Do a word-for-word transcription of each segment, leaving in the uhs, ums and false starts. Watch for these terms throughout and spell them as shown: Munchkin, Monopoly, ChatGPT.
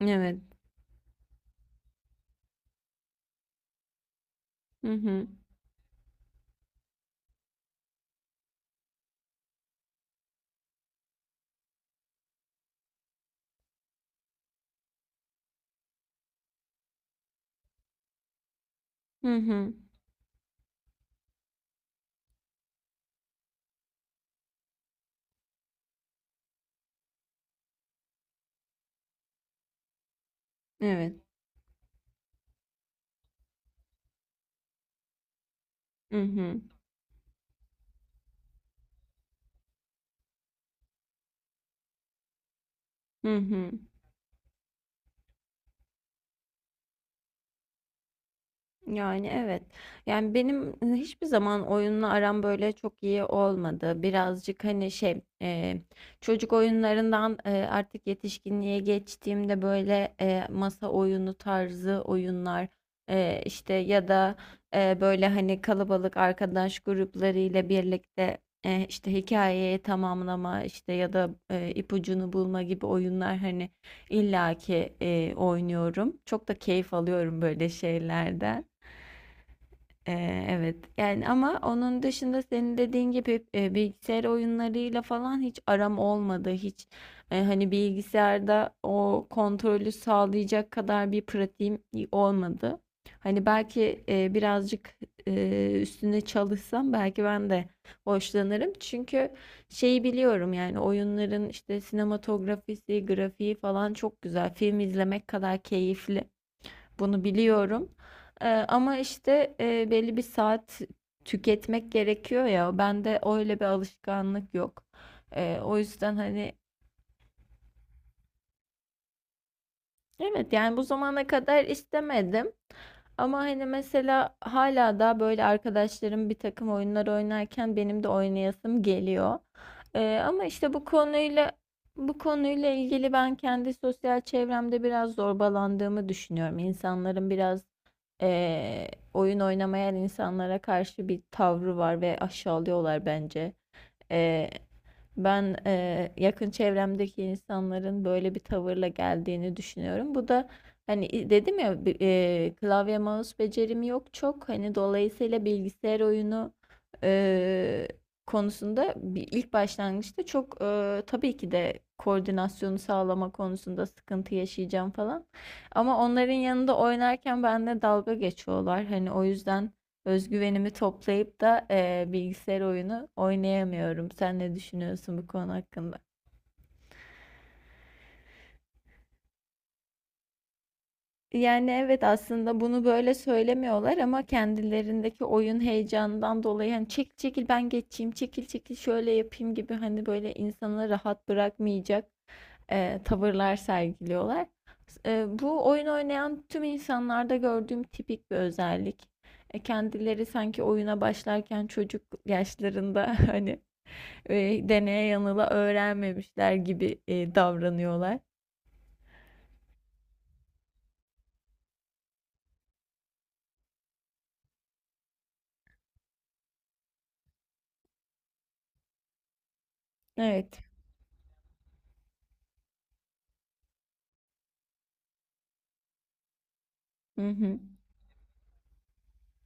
Evet. Hı hı. Hı hı. Evet. Hı hı. Hı hı. Yani, evet. Yani, benim, hiçbir zaman oyunla aram böyle çok iyi olmadı. Birazcık, hani, şey, eee, çocuk oyunlarından, eee, artık yetişkinliğe geçtiğimde, böyle, eee, masa oyunu tarzı oyunlar, eee, işte, ya da, eee, böyle, hani, kalabalık arkadaş gruplarıyla birlikte, eee, işte, hikâyeyi tamamlama, işte, ya da, eee, ipucunu bulma gibi oyunlar, hani, illaki, eee, oynuyorum. Çok da keyif alıyorum böyle şeylerden. Ee, evet yani ama onun dışında senin dediğin gibi e, bilgisayar oyunlarıyla falan hiç aram olmadı. Hiç e, hani bilgisayarda o kontrolü sağlayacak kadar bir pratiğim olmadı. Hani belki e, birazcık e, üstüne çalışsam belki ben de hoşlanırım. Çünkü şeyi biliyorum yani oyunların işte sinematografisi, grafiği falan çok güzel. Film izlemek kadar keyifli. Bunu biliyorum. Ee, ama işte e, belli bir saat tüketmek gerekiyor ya. Bende öyle bir alışkanlık yok. Ee, o yüzden hani evet yani bu zamana kadar istemedim. Ama hani mesela hala da böyle arkadaşlarım bir takım oyunlar oynarken benim de oynayasım geliyor. Ee, ama işte bu konuyla bu konuyla ilgili ben kendi sosyal çevremde biraz zorbalandığımı düşünüyorum. İnsanların biraz eee, oyun oynamayan insanlara karşı bir tavrı var ve aşağılıyorlar bence. Eee ben eee, yakın çevremdeki insanların böyle bir tavırla geldiğini düşünüyorum. Bu da hani dedim ya bi- eee, klavye mouse becerim yok çok. Hani dolayısıyla bilgisayar oyunu eee, konusunda bir- ilk başlangıçta çok eee, tabii ki de koordinasyonu sağlama konusunda sıkıntı yaşayacağım falan. Ama onların yanında oynarken benimle dalga geçiyorlar. Hani o yüzden özgüvenimi toplayıp da eee, bilgisayar oyunu oynayamıyorum. Sen ne düşünüyorsun bu konu hakkında? Yani evet aslında bunu böyle söylemiyorlar ama kendilerindeki oyun heyecanından dolayı hani çekil çekil ben geçeyim, çekil çekil şöyle yapayım gibi hani böyle insanı rahat bırakmayacak eee, tavırlar sergiliyorlar. Eee, bu oyun oynayan tüm insanlarda gördüğüm tipik bir özellik. E, kendileri sanki oyuna başlarken çocuk yaşlarında hani e, deneye yanıla öğrenmemişler gibi e, davranıyorlar. Evet. Hı hı.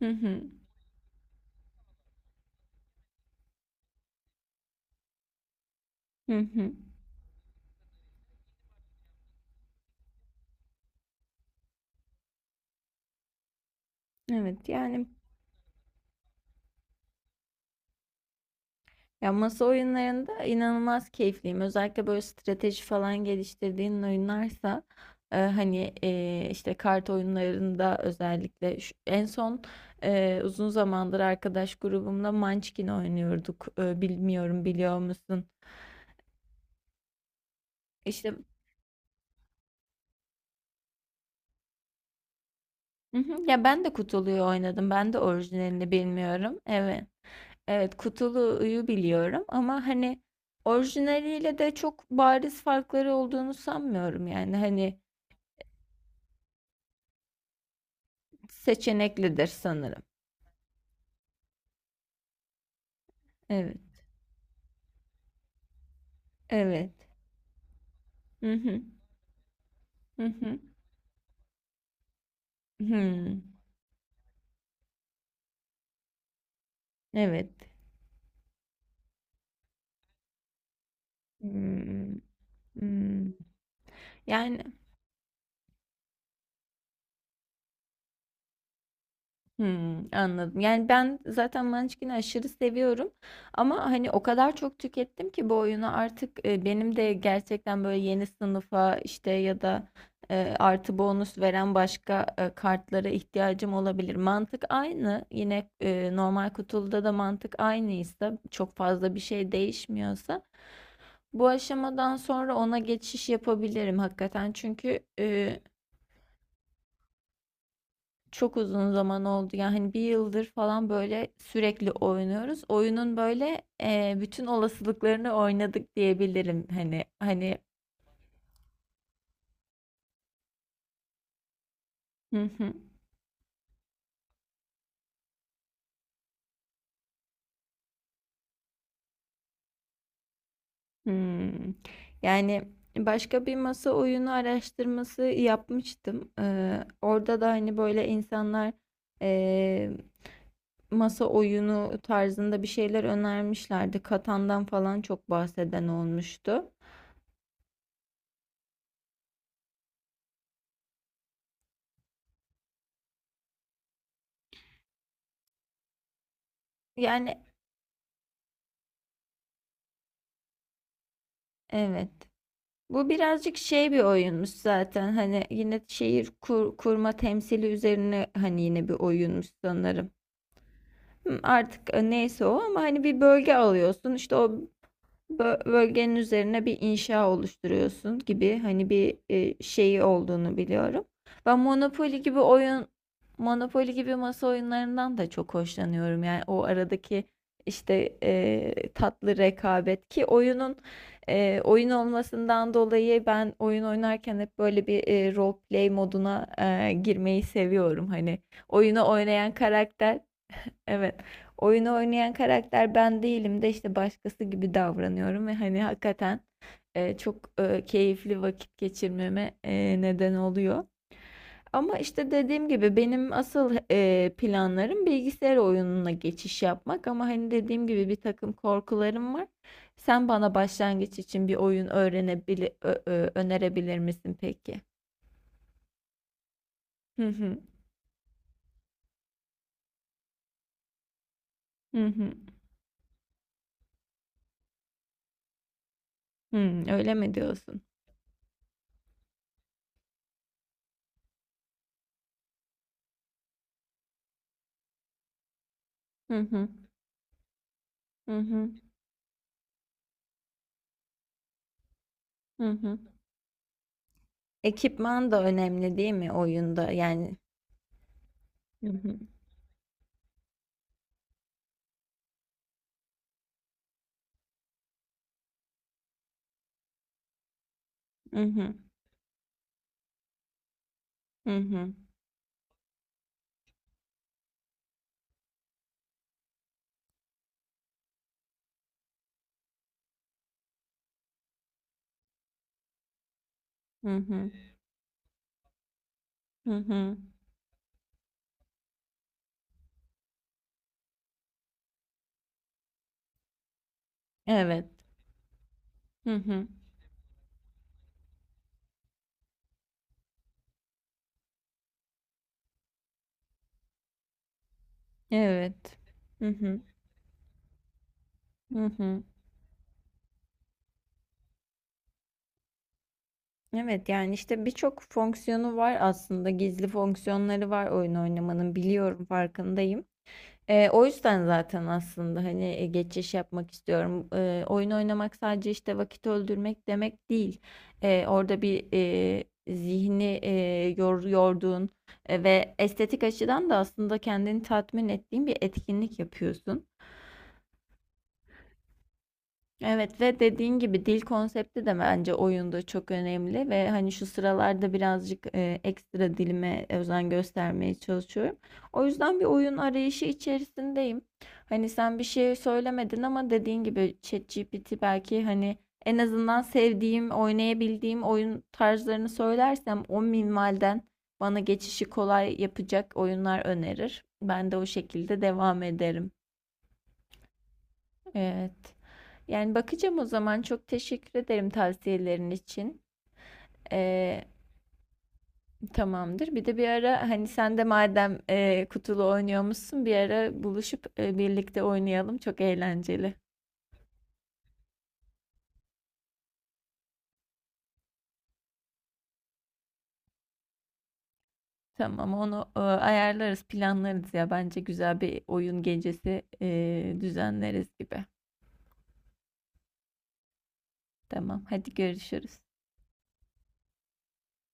Hı hı. Hı hı. Evet yani ya masa oyunlarında inanılmaz keyifliyim. Özellikle böyle strateji falan geliştirdiğin oyunlarsa e, hani e, işte kart oyunlarında özellikle şu- en son e, uzun zamandır arkadaş grubumla Munchkin oynuyorduk. E, bilmiyorum biliyor musun? İşte, hı hı. Ya ben de kutuluyu oynadım. Ben de orijinalini bilmiyorum. Evet. Evet, kutuluyu biliyorum ama hani orijinaliyle de çok bariz farkları olduğunu sanmıyorum yani hani seçeneklidir sanırım. Evet. Evet. Hı hı. Hı hı. Hmm. Evet. Hmm. Hmm. Yani, hımm, anladım. Yani, ben zaten Munchkin'i aşırı seviyorum ama, hani, o kadar çok tükettim ki bu oyunu artık, eee, benim de gerçekten, böyle, yeni sınıfa, işte, ya da, eee, artı bonus veren başka, eee, kartlara ihtiyacım olabilir. Mantık aynı. Yine, eee, normal kutuluda da mantık aynıysa, çok fazla bir şey değişmiyorsa bu aşamadan sonra ona geçiş yapabilirim hakikaten. Çünkü, eee, çok uzun zaman oldu. Yani hani bir yıldır falan böyle sürekli oynuyoruz. Oyunun böyle e, bütün olasılıklarını oynadık diyebilirim. Hani hani, hı hı, hmm. Yani başka bir masa oyunu araştırması yapmıştım. Ee, orada da hani böyle insanlar e, masa oyunu tarzında bir şeyler önermişlerdi. Katan'dan falan çok bahseden olmuştu. Yani evet. Bu birazcık şey bir oyunmuş zaten. Hani yine şehir kur- kurma temsili üzerine hani yine bir oyunmuş sanırım. Hı, artık e, neyse o ama hani bir bölge alıyorsun. İşte o bö- bölgenin üzerine bir inşa oluşturuyorsun gibi hani bir e, şeyi olduğunu biliyorum. Ben Monopoly gibi oyun Monopoly gibi masa oyunlarından da çok hoşlanıyorum. Yani o aradaki işte e, tatlı rekabet ki oyunun e, oyun olmasından dolayı ben oyun oynarken hep böyle bir e, role play moduna e, girmeyi seviyorum. Hani oyunu oynayan karakter. Evet. Oyunu oynayan karakter ben değilim de işte başkası gibi davranıyorum ve hani hakikaten e, çok e, keyifli vakit geçirmeme e, neden oluyor. Ama işte dediğim gibi benim asıl e, planlarım bilgisayar oyununa geçiş yapmak ama hani dediğim gibi bir takım korkularım var. Sen bana başlangıç için bir oyun öğrenebilir önerebilir misin peki? Hı hı. Hı hı. Hı, öyle mi diyorsun? Hı hı. Hı hı. Hı hı. Ekipman da önemli değil mi oyunda? Yani. Hı hı. Hı hı. Hı hı. Hı hı. Hı hı. Evet. Hı hı. Evet. Hı hı. Hı hı. Evet yani işte birçok fonksiyonu var aslında. Gizli fonksiyonları var oyun oynamanın, biliyorum, farkındayım. Eee, o yüzden zaten aslında hani e, geçiş yapmak istiyorum. Eee, oyun oynamak sadece işte vakit öldürmek demek değil. Eee, orada bir eee, zihni eee yor, yorduğun e, ve estetik açıdan da aslında kendini tatmin ettiğin bir etkinlik yapıyorsun. Evet ve dediğin gibi dil konsepti de bence oyunda çok önemli ve hani şu sıralarda birazcık e, ekstra dilime özen göstermeye çalışıyorum. O yüzden bir oyun arayışı içerisindeyim. Hani sen bir şey söylemedin ama dediğin gibi ChatGPT belki hani en azından sevdiğim, oynayabildiğim oyun tarzlarını söylersem o minvalden bana geçişi kolay yapacak oyunlar önerir. Ben de o şekilde devam ederim. Evet. Yani bakacağım o zaman. Çok teşekkür ederim tavsiyelerin için. Ee, tamamdır. Bir de bir ara hani sen de madem e, kutulu oynuyormuşsun, bir ara buluşup e, birlikte oynayalım. Çok eğlenceli. Tamam, onu e, ayarlarız, planlarız ya. Bence güzel bir oyun gecesi e, düzenleriz gibi. Tamam, hadi görüşürüz.